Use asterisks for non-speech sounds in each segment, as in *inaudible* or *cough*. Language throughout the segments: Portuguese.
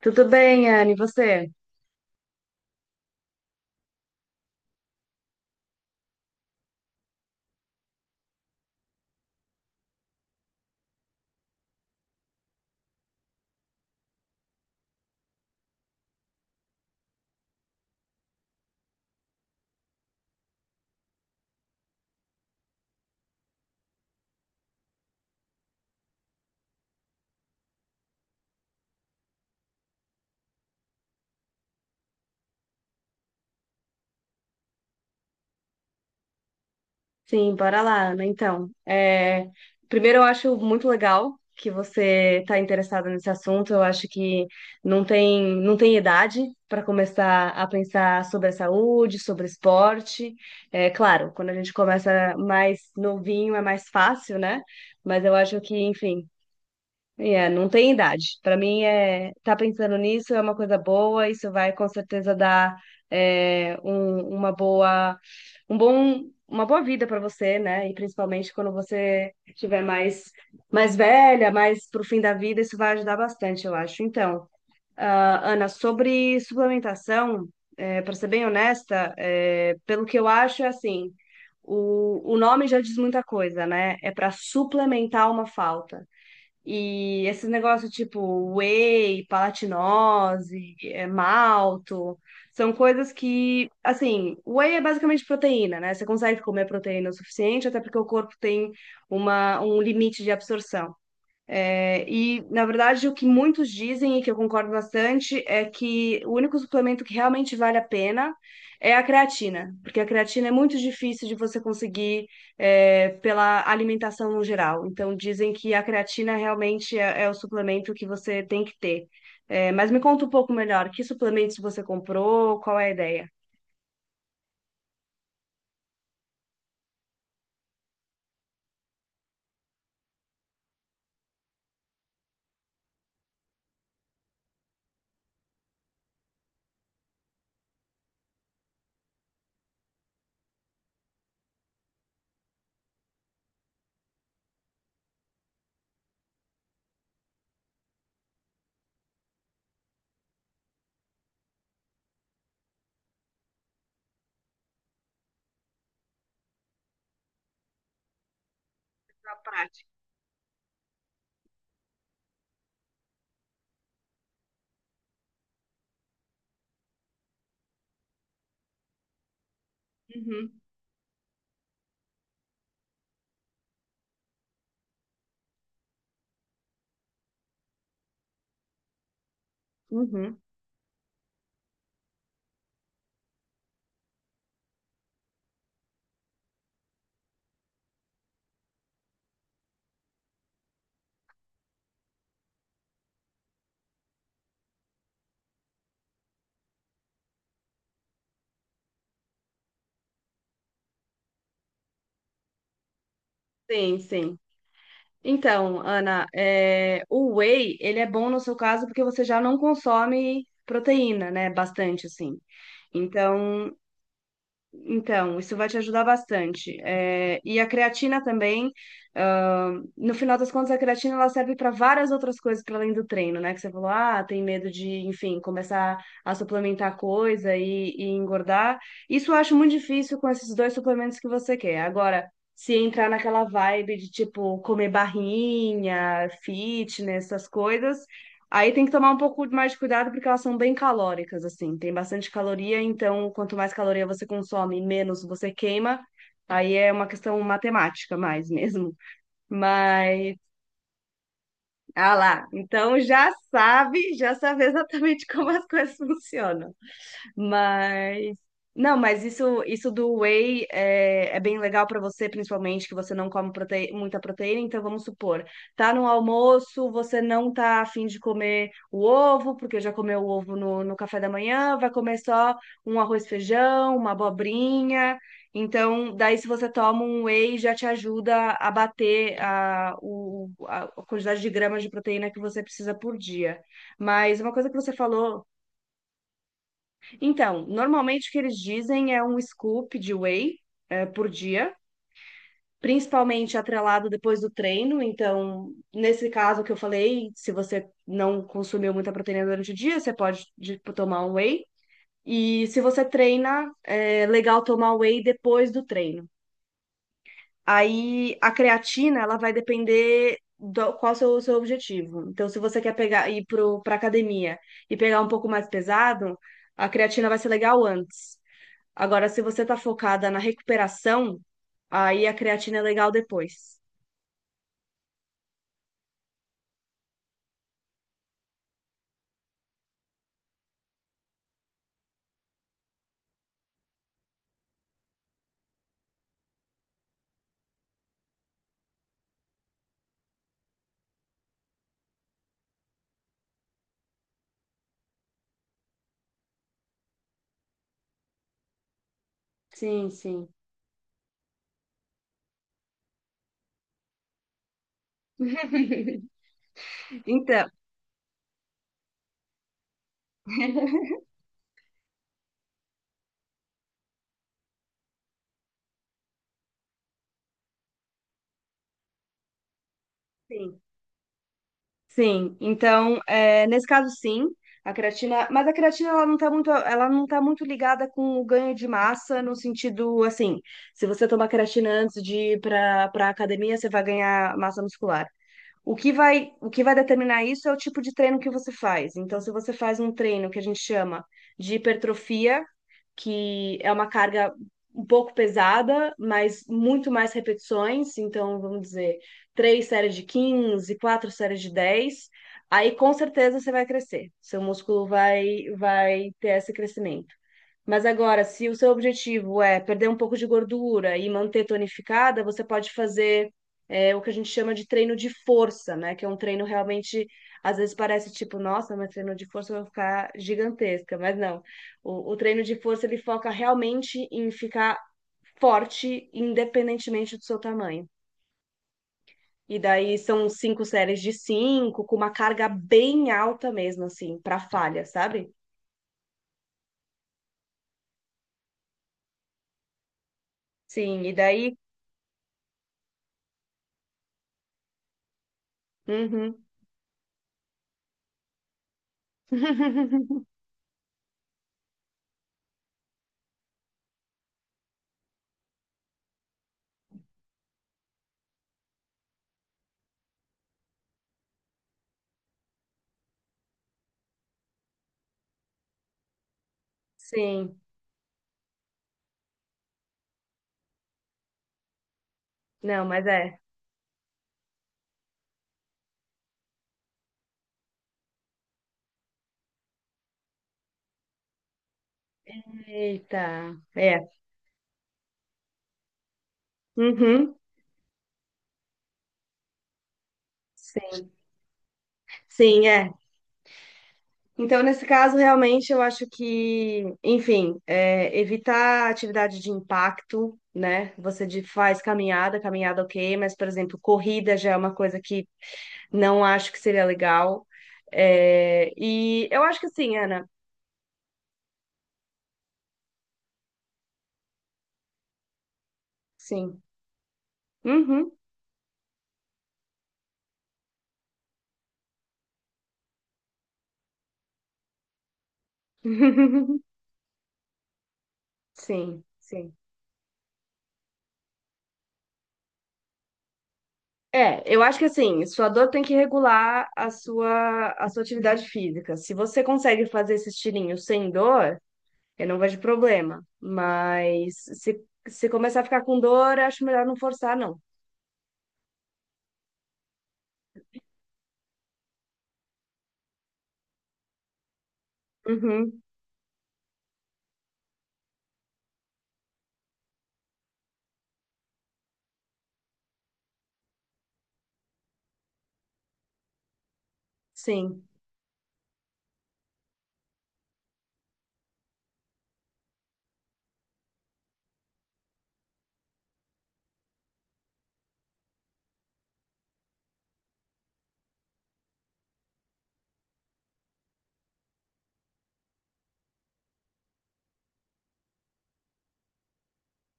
Tudo bem, Anne, e você? Sim, bora lá, né? Então, primeiro eu acho muito legal que você está interessada nesse assunto. Eu acho que não tem idade para começar a pensar sobre a saúde, sobre esporte. É claro, quando a gente começa mais novinho é mais fácil, né? Mas eu acho que, enfim, É, não tem idade. Para mim, é tá pensando nisso é uma coisa boa. Isso vai com certeza dar uma boa, uma boa vida para você, né? E principalmente quando você estiver mais mais velha, mais pro fim da vida, isso vai ajudar bastante, eu acho. Então, Ana, sobre suplementação, para ser bem honesta, pelo que eu acho, é assim. O nome já diz muita coisa, né? É para suplementar uma falta. E esses negócios tipo whey, palatinose, malto, são coisas que, assim, whey é basicamente proteína, né? Você consegue comer proteína o suficiente, até porque o corpo tem um limite de absorção. Na verdade, o que muitos dizem, e que eu concordo bastante, é que o único suplemento que realmente vale a pena é a creatina, porque a creatina é muito difícil de você conseguir, pela alimentação no geral. Então, dizem que a creatina realmente é o suplemento que você tem que ter. Mas me conta um pouco melhor, que suplementos você comprou, qual é a ideia? A prática. Uhum, uhum. Sim, sim. Então, Ana, o whey, ele é bom no seu caso porque você já não consome proteína, né? Bastante, assim. Então, então, isso vai te ajudar bastante. É, e a creatina também, ah, no final das contas, a creatina ela serve para várias outras coisas para além do treino, né? Que você falou, ah, tem medo de, enfim, começar a suplementar coisa e engordar. Isso eu acho muito difícil com esses dois suplementos que você quer. Agora, se entrar naquela vibe de, tipo, comer barrinha, fitness, essas coisas, aí tem que tomar um pouco mais de cuidado porque elas são bem calóricas, assim. Tem bastante caloria, então quanto mais caloria você consome, menos você queima. Aí é uma questão matemática mais *laughs* mesmo. Mas, ah lá, então já sabe exatamente *laughs* como as coisas funcionam. Mas não, mas isso do whey é bem legal para você, principalmente que você não come prote- muita proteína. Então vamos supor, tá no almoço, você não tá afim de comer o ovo, porque já comeu o ovo no café da manhã, vai comer só um arroz e feijão, uma abobrinha. Então, daí se você toma um whey, já te ajuda a bater a, o, a a quantidade de gramas de proteína que você precisa por dia. Mas uma coisa que você falou então, normalmente o que eles dizem é um scoop de whey, por dia, principalmente atrelado depois do treino. Então, nesse caso que eu falei, se você não consumiu muita proteína durante o dia, você pode de- tomar um whey. E se você treina, é legal tomar whey depois do treino. Aí a creatina, ela vai depender do qual é o seu objetivo. Então, se você quer pegar ir para academia e pegar um pouco mais pesado, a creatina vai ser legal antes. Agora, se você tá focada na recuperação, aí a creatina é legal depois. Sim, sim. *laughs* Então, sim, sim. Então, nesse caso, sim, a creatina, mas a creatina ela não tá muito ligada com o ganho de massa no sentido assim, se você tomar creatina antes de ir para academia, você vai ganhar massa muscular. O que vai determinar isso é o tipo de treino que você faz. Então, se você faz um treino que a gente chama de hipertrofia que é uma carga um pouco pesada, mas muito mais repetições. Então, vamos dizer, três séries de 15, quatro séries de 10. Aí, com certeza, você vai crescer. Seu músculo vai ter esse crescimento. Mas agora, se o seu objetivo é perder um pouco de gordura e manter tonificada, você pode fazer o que a gente chama de treino de força, né? Que é um treino realmente, às vezes parece tipo, nossa, mas treino de força vai ficar gigantesca, mas não. O treino de força ele foca realmente em ficar forte, independentemente do seu tamanho. E daí são cinco séries de cinco, com uma carga bem alta mesmo, assim, para falha, sabe? Sim, e daí. Uhum. *laughs* Sim, não, mas é. Eita, é. Uhum. Sim, sim, é. Então, nesse caso, realmente, eu acho que, enfim, evitar atividade de impacto, né? Você de- faz caminhada, caminhada ok, mas, por exemplo, corrida já é uma coisa que não acho que seria legal. É, e eu acho que sim, Ana. Sim. Uhum. *laughs* Sim, sim. É, eu acho que assim, sua dor tem que regular a sua atividade física. Se você consegue fazer esse estilinho sem dor, eu não vejo problema, mas se começar a ficar com dor, acho melhor não forçar, não. Uhum, sim.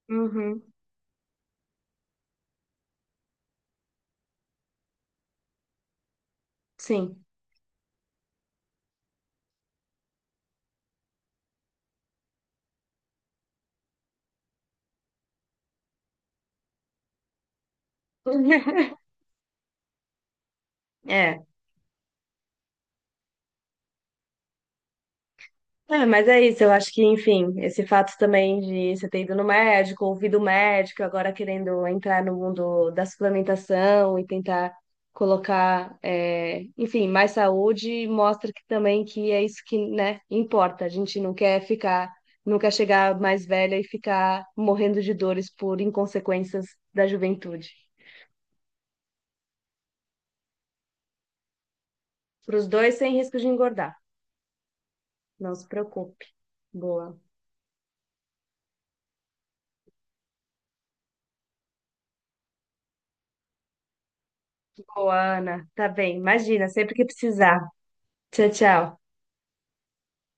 Uhum, sim. *laughs* É. É, mas é isso, eu acho que, enfim, esse fato também de você ter ido no médico, ouvido o médico, agora querendo entrar no mundo da suplementação e tentar colocar, enfim, mais saúde, mostra que também que é isso que, né, importa. A gente não quer ficar, não quer chegar mais velha e ficar morrendo de dores por inconsequências da juventude. Para os dois, sem risco de engordar, não se preocupe. Boa. Boa, Ana. Tá bem. Imagina, sempre que precisar. Tchau, tchau.